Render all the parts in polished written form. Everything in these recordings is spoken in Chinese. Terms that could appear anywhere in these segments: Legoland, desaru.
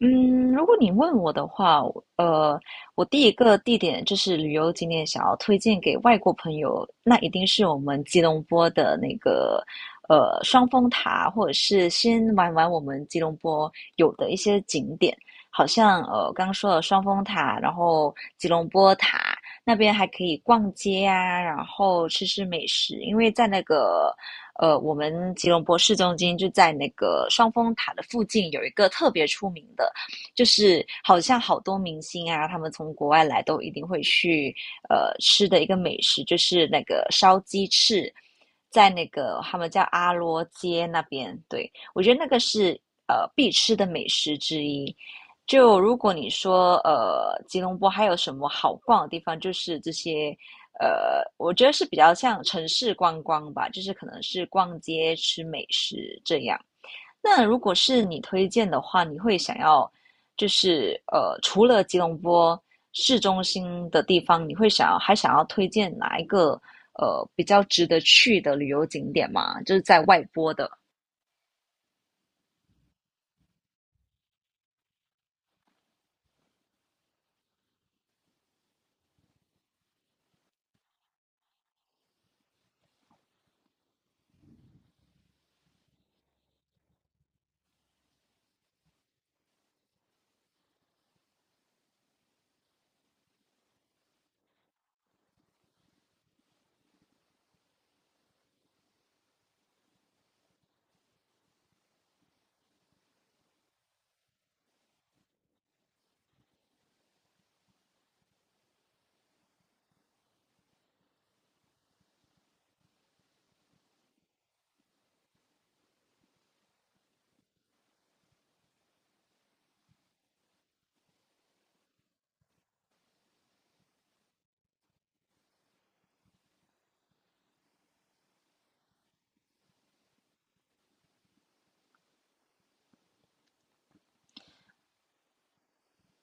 嗯，如果你问我的话，我第一个地点就是旅游景点，想要推荐给外国朋友，那一定是我们吉隆坡的那个双峰塔，或者是先玩玩我们吉隆坡有的一些景点。好像刚刚说了双峰塔，然后吉隆坡塔那边还可以逛街啊，然后吃吃美食。因为在那个，我们吉隆坡市中心就在那个双峰塔的附近，有一个特别出名的，就是好像好多明星啊，他们从国外来都一定会去吃的一个美食，就是那个烧鸡翅，在那个他们叫阿罗街那边。对，我觉得那个是必吃的美食之一。就如果你说吉隆坡还有什么好逛的地方，就是这些。我觉得是比较像城市观光吧，就是可能是逛街吃美食这样。那如果是你推荐的话，你会想要就是，除了吉隆坡市中心的地方，你会想要还想要推荐哪一个比较值得去的旅游景点吗？就是在外坡的。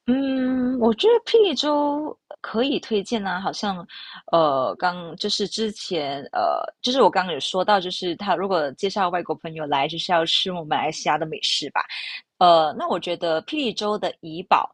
嗯，我觉得霹雳州可以推荐啊。好像，刚就是之前，就是我刚刚有说到，就是他如果介绍外国朋友来，就是要吃我们马来西亚的美食吧。那我觉得霹雳州的怡保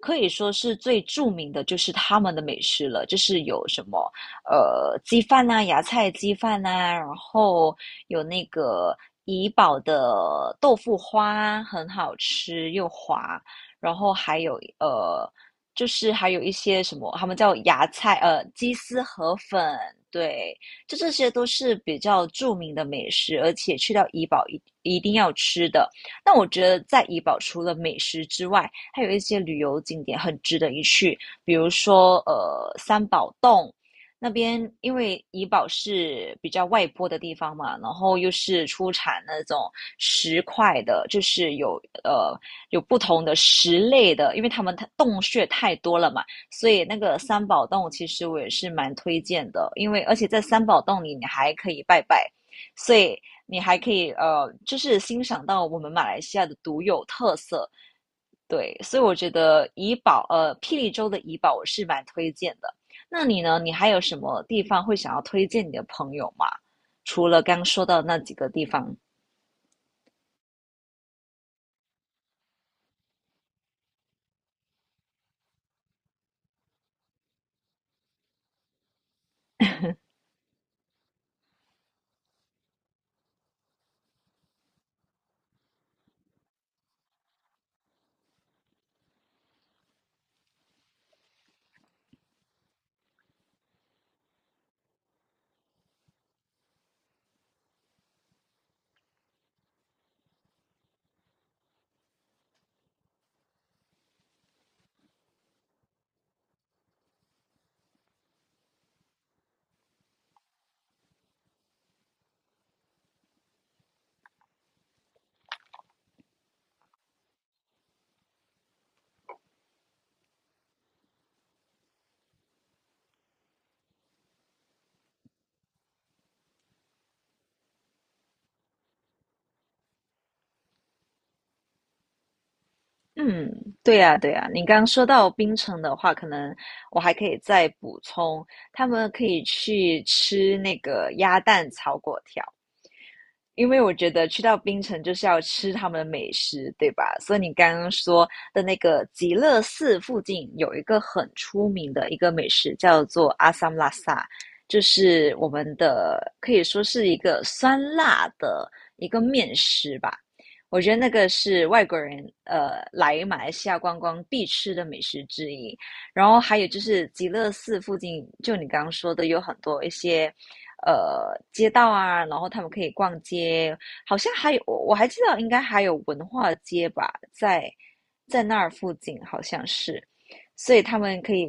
可以说是最著名的，就是他们的美食了。就是有什么鸡饭呐、芽菜鸡饭呐，然后有那个怡保的豆腐花很好吃又滑，然后还有就是还有一些什么，他们叫芽菜鸡丝河粉。对，就这些都是比较著名的美食，而且去到怡宝一定要吃的。那我觉得在怡保除了美食之外，还有一些旅游景点很值得一去，比如说三宝洞。那边因为怡保是比较外坡的地方嘛，然后又是出产那种石块的，就是有不同的石类的，因为他们洞穴太多了嘛，所以那个三宝洞其实我也是蛮推荐的。因为而且在三宝洞里你还可以拜拜，所以你还可以就是欣赏到我们马来西亚的独有特色。对，所以我觉得霹雳州的怡保我是蛮推荐的。那你呢？你还有什么地方会想要推荐你的朋友吗？除了刚说到那几个地方。嗯，对呀，对呀。你刚刚说到槟城的话，可能我还可以再补充，他们可以去吃那个鸭蛋炒粿条。因为我觉得去到槟城就是要吃他们的美食，对吧？所以你刚刚说的那个极乐寺附近有一个很出名的一个美食，叫做阿萨姆拉萨，就是我们的可以说是一个酸辣的一个面食吧。我觉得那个是外国人来马来西亚观光必吃的美食之一。然后还有就是极乐寺附近，就你刚刚说的，有很多一些街道啊，然后他们可以逛街。好像还有我还记得应该还有文化街吧，在在那儿附近好像是，所以他们可以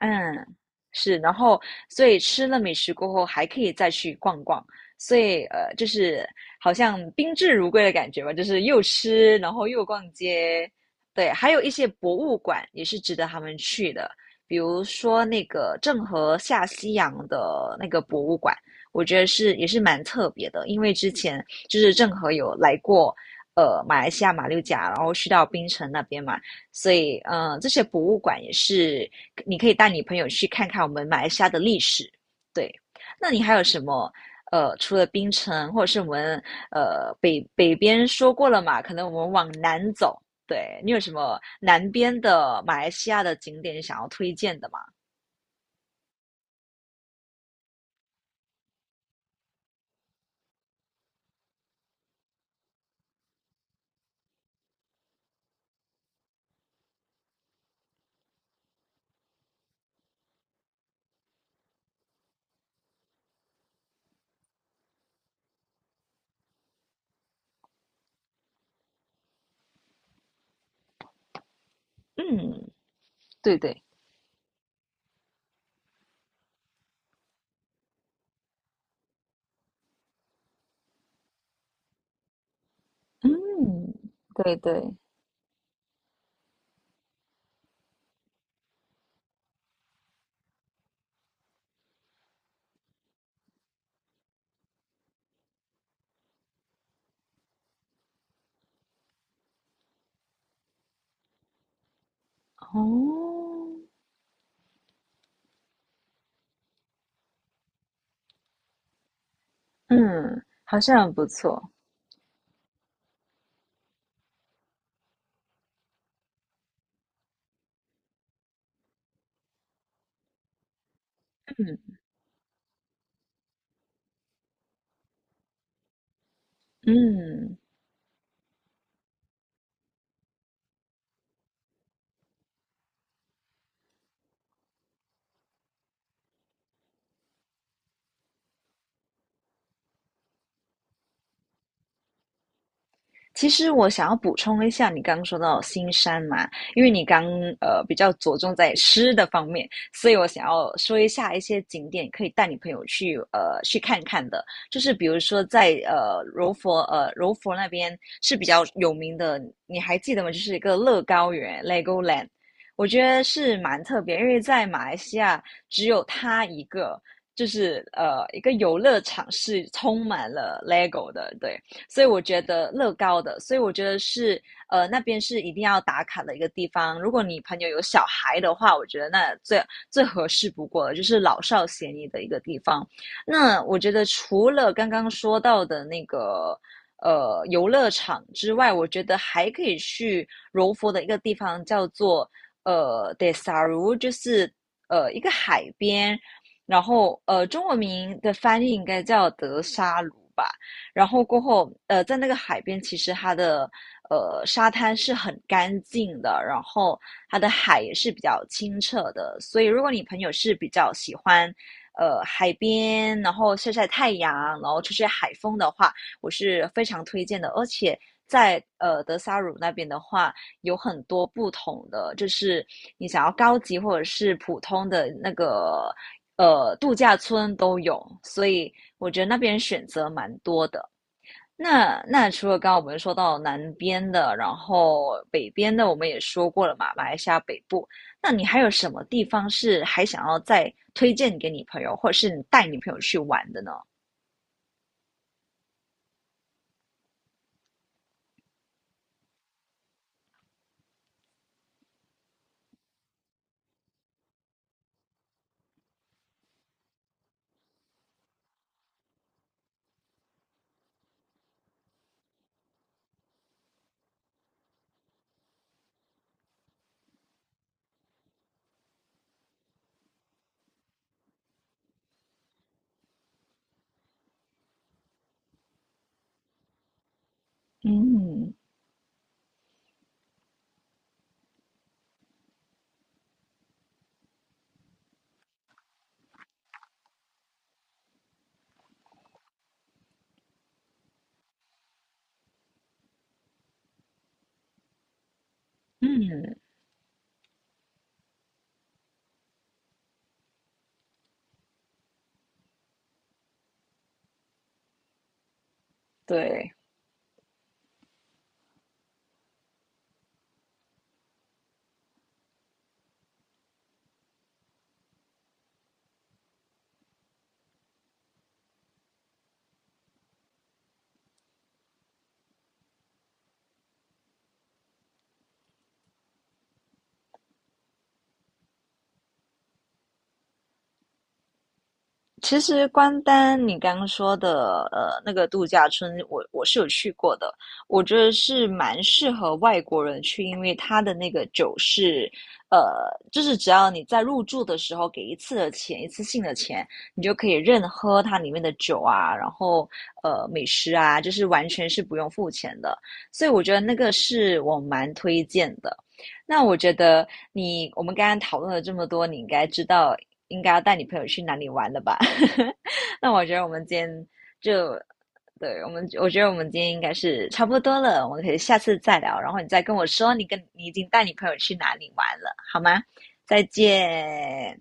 嗯是。然后所以吃了美食过后还可以再去逛逛。所以就是好像宾至如归的感觉吧，就是又吃，然后又逛街。对，还有一些博物馆也是值得他们去的，比如说那个郑和下西洋的那个博物馆，我觉得是也是蛮特别的。因为之前就是郑和有来过马来西亚马六甲，然后去到槟城那边嘛，所以这些博物馆也是你可以带你朋友去看看我们马来西亚的历史。对，那你还有什么？除了槟城，或者是我们北边说过了嘛，可能我们往南走。对，你有什么南边的马来西亚的景点想要推荐的吗？嗯，对对。嗯，对对。哦，嗯，好像很不错。嗯嗯。其实我想要补充一下，你刚刚说到新山嘛。因为你刚比较着重在吃的方面，所以我想要说一下一些景点可以带你朋友去看看的。就是比如说在柔佛那边是比较有名的，你还记得吗？就是一个乐高园 （(Legoland),我觉得是蛮特别，因为在马来西亚只有它一个。就是一个游乐场是充满了 LEGO 的。对，所以我觉得乐高的，所以我觉得是那边是一定要打卡的一个地方。如果你朋友有小孩的话，我觉得那最合适不过了，就是老少咸宜的一个地方。那我觉得除了刚刚说到的那个，游乐场之外，我觉得还可以去柔佛的一个地方，叫做Desaru 就是一个海边，然后中文名的翻译应该叫德沙鲁吧。然后过后，在那个海边，其实它的沙滩是很干净的，然后它的海也是比较清澈的。所以，如果你朋友是比较喜欢海边，然后晒晒太阳，然后吹吹海风的话，我是非常推荐的。而且在德萨鲁那边的话，有很多不同的，就是你想要高级或者是普通的那个,度假村都有，所以我觉得那边选择蛮多的。那那除了刚刚我们说到南边的，然后北边的我们也说过了嘛，马来西亚北部。那你还有什么地方是还想要再推荐给你朋友，或者是你带你朋友去玩的呢？嗯。嗯。对，其实关丹，你刚刚说的那个度假村，我是有去过的，我觉得是蛮适合外国人去。因为它的那个酒是，呃，就是只要你在入住的时候给一次的钱，一次性的钱，你就可以任喝它里面的酒啊，然后美食啊，就是完全是不用付钱的，所以我觉得那个是我蛮推荐的。那我觉得你，我们刚刚讨论了这么多，你应该知道应该要带你朋友去哪里玩了吧？那我觉得我们今天就，对，我觉得我们今天应该是差不多了，我们可以下次再聊，然后你再跟我说你跟你已经带你朋友去哪里玩了，好吗？再见。